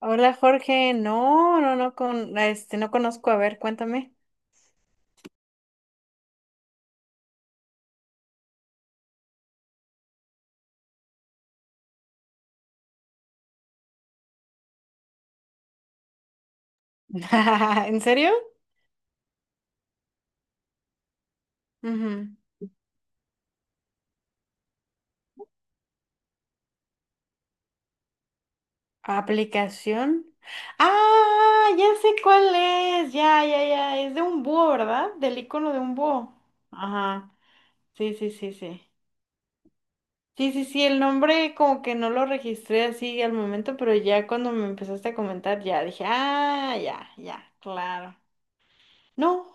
Hola Jorge, no, no, no, no conozco, a ver, cuéntame. ¿En serio? Ujú. ¿Aplicación? Ah, ya sé cuál es, ya, ya, ya, es de un búho, ¿verdad? Del icono de un búho. Ajá, sí, sí, sí, sí. Sí, sí, sí, el nombre como que no lo registré así al momento, pero ya cuando me empezaste a comentar, ya dije, ah, ya, ya, claro. No.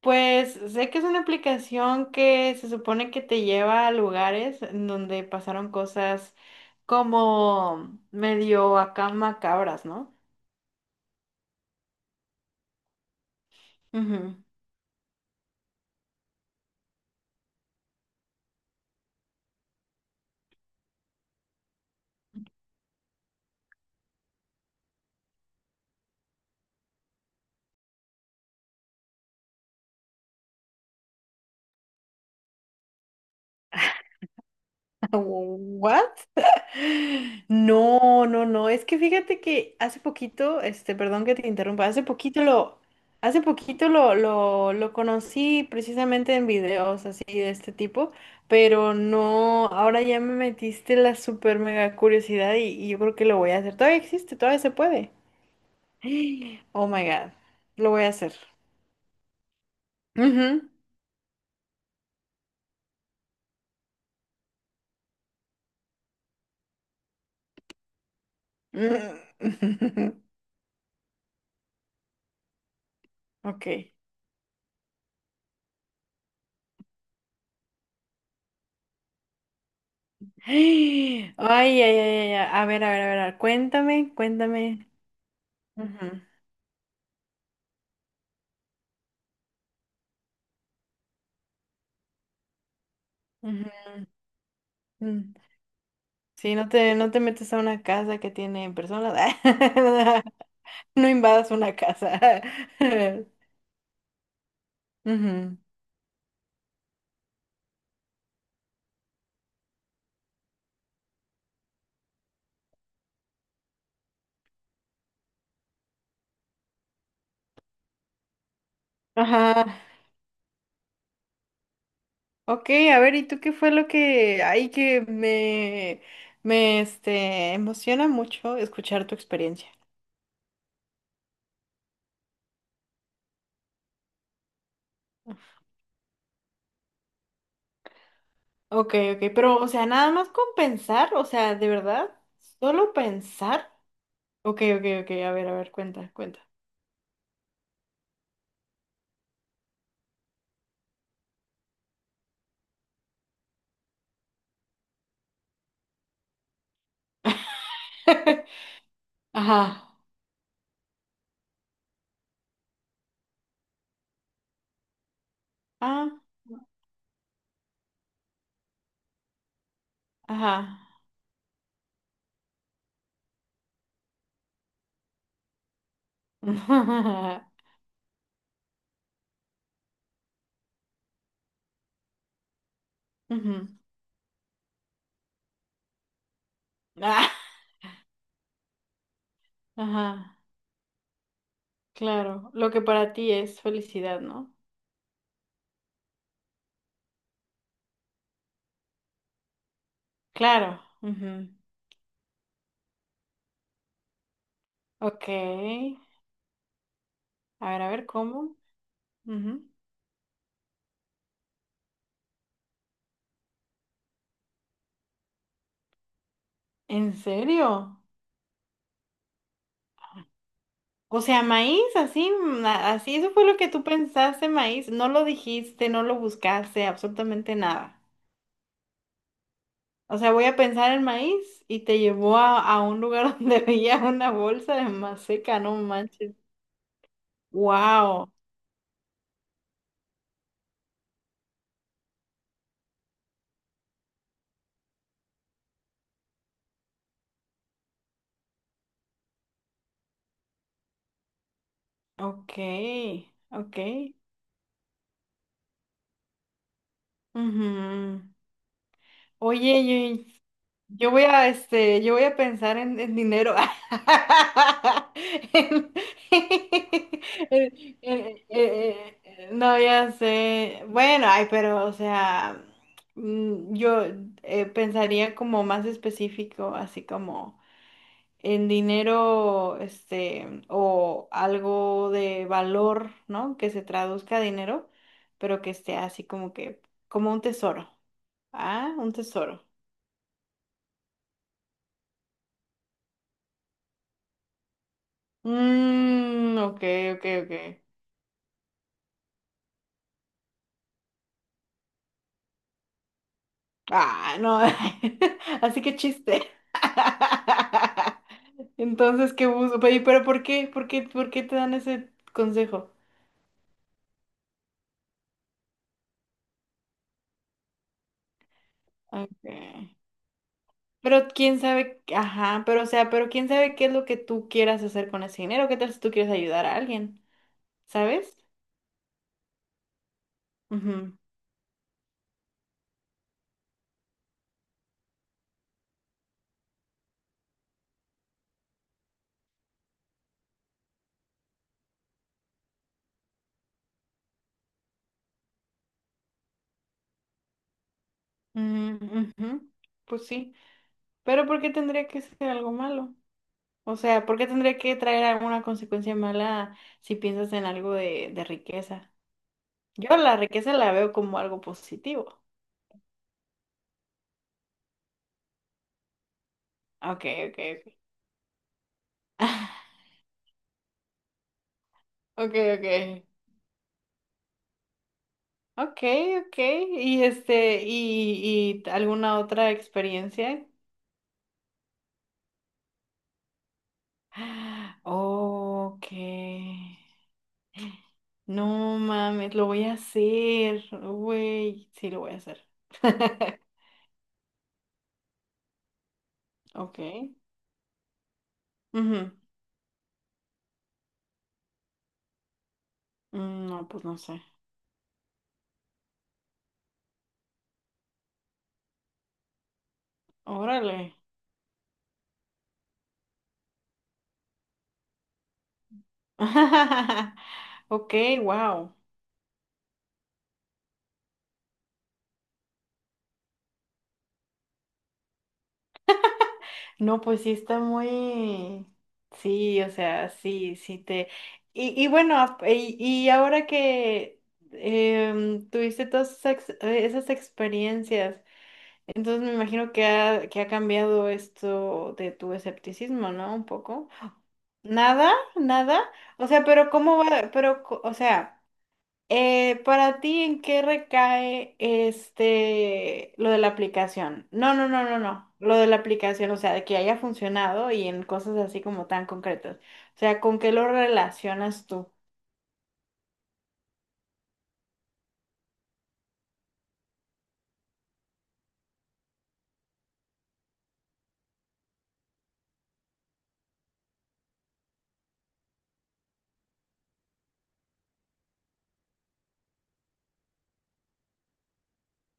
Pues sé que es una aplicación que se supone que te lleva a lugares en donde pasaron cosas como medio acá macabras, ¿no? Ujú. ¿What? No, no, no, es que fíjate que hace poquito, perdón que te interrumpa, hace poquito lo conocí precisamente en videos así de este tipo, pero no, ahora ya me metiste la super mega curiosidad y yo creo que lo voy a hacer. Todavía existe, todavía se puede. Oh my God, lo voy a hacer. Ujú. Mm. Ok. Ay, ay, ay, ay, ay, a ver, a ver, a ver, a ver, cuéntame, cuéntame. Ujú, ujú. Mm. Sí, no te metes a una casa que tiene personas. No invadas una casa. Ujú. Ajá. Ok, a ver, ¿y tú qué fue lo que hay que me emociona mucho escuchar tu experiencia? Ok, ok, pero, o sea, nada más con pensar, o sea, de verdad, solo pensar. Ok, ok, ok, a ver, cuenta, cuenta. Ajá. Ah, ajá. Ujú. Ajá, claro. Lo que para ti es felicidad, ¿no? Claro. Ujú. Ok. A ver, ¿cómo? Ujú. ¿En serio? O sea, maíz, así, así, eso fue lo que tú pensaste, maíz. No lo dijiste, no lo buscaste, absolutamente nada. O sea, voy a pensar en maíz y te llevó a un lugar donde había una bolsa de maseca, no manches. Wow. Ok, ok. Ujú. Oye, yo voy a pensar en dinero. En- en- no, ya sé. Bueno, ay, pero, o sea, yo pensaría como más específico, así como en dinero, o algo de valor, ¿no? Que se traduzca a dinero, pero que esté así como que, como un tesoro. Ah, un tesoro. Mm, ok, ok, ok. Ah, no. Así que chiste. Entonces, ¿qué busco? Pero ¿por qué? ¿Por qué? ¿Por qué te dan ese consejo? Okay. Pero quién sabe, ajá, pero o sea, pero quién sabe qué es lo que tú quieras hacer con ese dinero, qué tal si tú quieres ayudar a alguien, ¿sabes? Ujú, ujú, ujú. Pues sí, pero ¿por qué tendría que ser algo malo? O sea, ¿por qué tendría que traer alguna consecuencia mala si piensas en algo de riqueza? Yo la riqueza la veo como algo positivo. Ok, ok, ok. Ok, ok. Ok, ok. Y alguna otra experiencia. Ok. No mames, lo voy a hacer. Güey, sí lo voy a hacer. Ok. Ujú. Mm, no, pues no sé. Órale. Ok, wow. No, pues sí está muy, sí, o sea, sí, sí te. Y bueno, y ahora que tuviste todas esas experiencias, entonces me imagino que que ha cambiado esto de tu escepticismo, ¿no? Un poco. Nada, nada. O sea, pero ¿cómo va? Pero, o sea. Para ti, ¿en qué recae lo de la aplicación? No, no, no, no, no. Lo de la aplicación, o sea, de que haya funcionado y en cosas así como tan concretas. O sea, ¿con qué lo relacionas tú?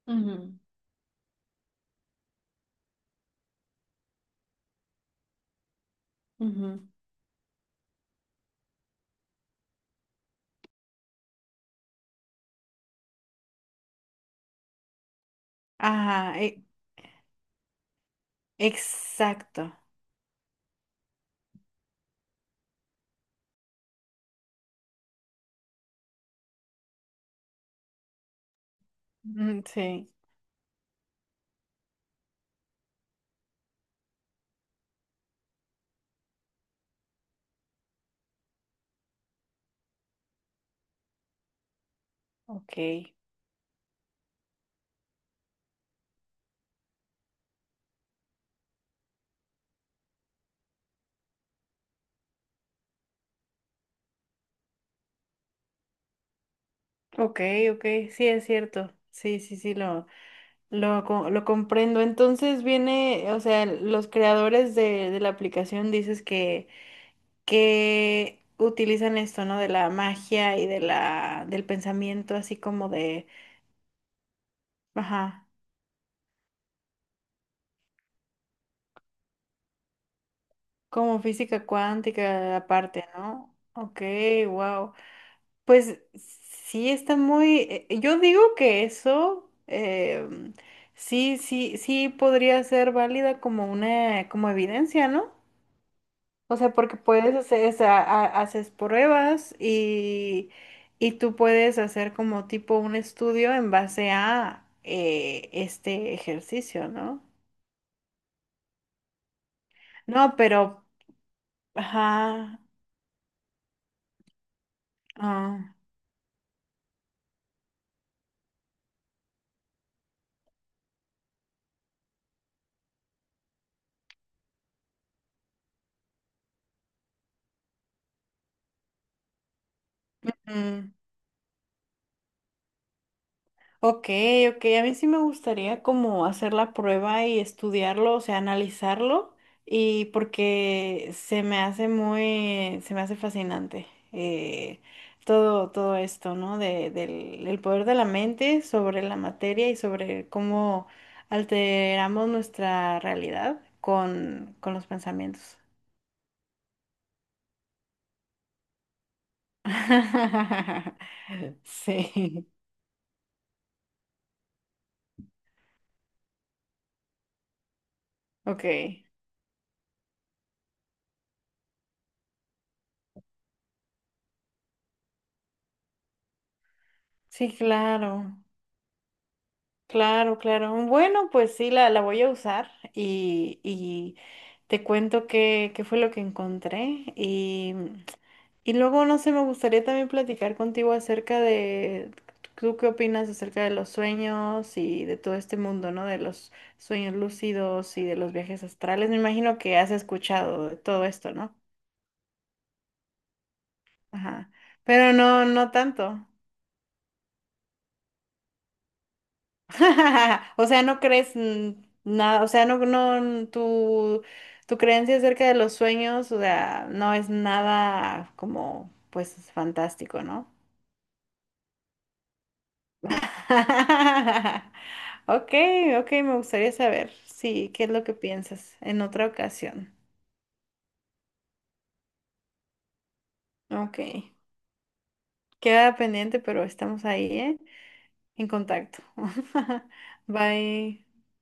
Ujú, ujú. Ajá, exacto. Mm, sí, ok. Ok, ok, sí es cierto. Sí, sí, sí, lo comprendo. Entonces viene, o sea, los creadores de la aplicación dices que utilizan esto, ¿no? De la magia y del pensamiento, así como ajá, como física cuántica aparte, ¿no? Ok, wow. Pues sí está muy, yo digo que eso, sí, sí, sí podría ser válida como como evidencia, ¿no? O sea, porque puedes hacer, o sea, haces pruebas y tú puedes hacer como tipo un estudio en base a este ejercicio, ¿no? No, pero, ajá, ah, mm. Ok, ok, a mí sí me gustaría como hacer la prueba y estudiarlo, o sea, analizarlo, y porque se me hace fascinante todo esto, ¿no? El poder de la mente sobre la materia y sobre cómo alteramos nuestra realidad con los pensamientos. Sí, ok, sí, claro. Claro, claro. Bueno, pues sí, la voy a usar y te cuento qué fue lo que encontré. Y luego, no sé, me gustaría también platicar contigo acerca de, ¿tú qué opinas acerca de los sueños y de todo este mundo, ¿no? De los sueños lúcidos y de los viajes astrales. Me imagino que has escuchado de todo esto, ¿no? Ajá. Pero no, no tanto. O sea, no crees nada, o sea, no, no, mm, tu creencia acerca de los sueños, o sea, no es nada como, pues, fantástico, ¿no? Ok, ok, me gustaría saber, sí, qué es lo que piensas en otra ocasión. Ok, queda pendiente, pero estamos ahí, ¿eh? En contacto. Bye.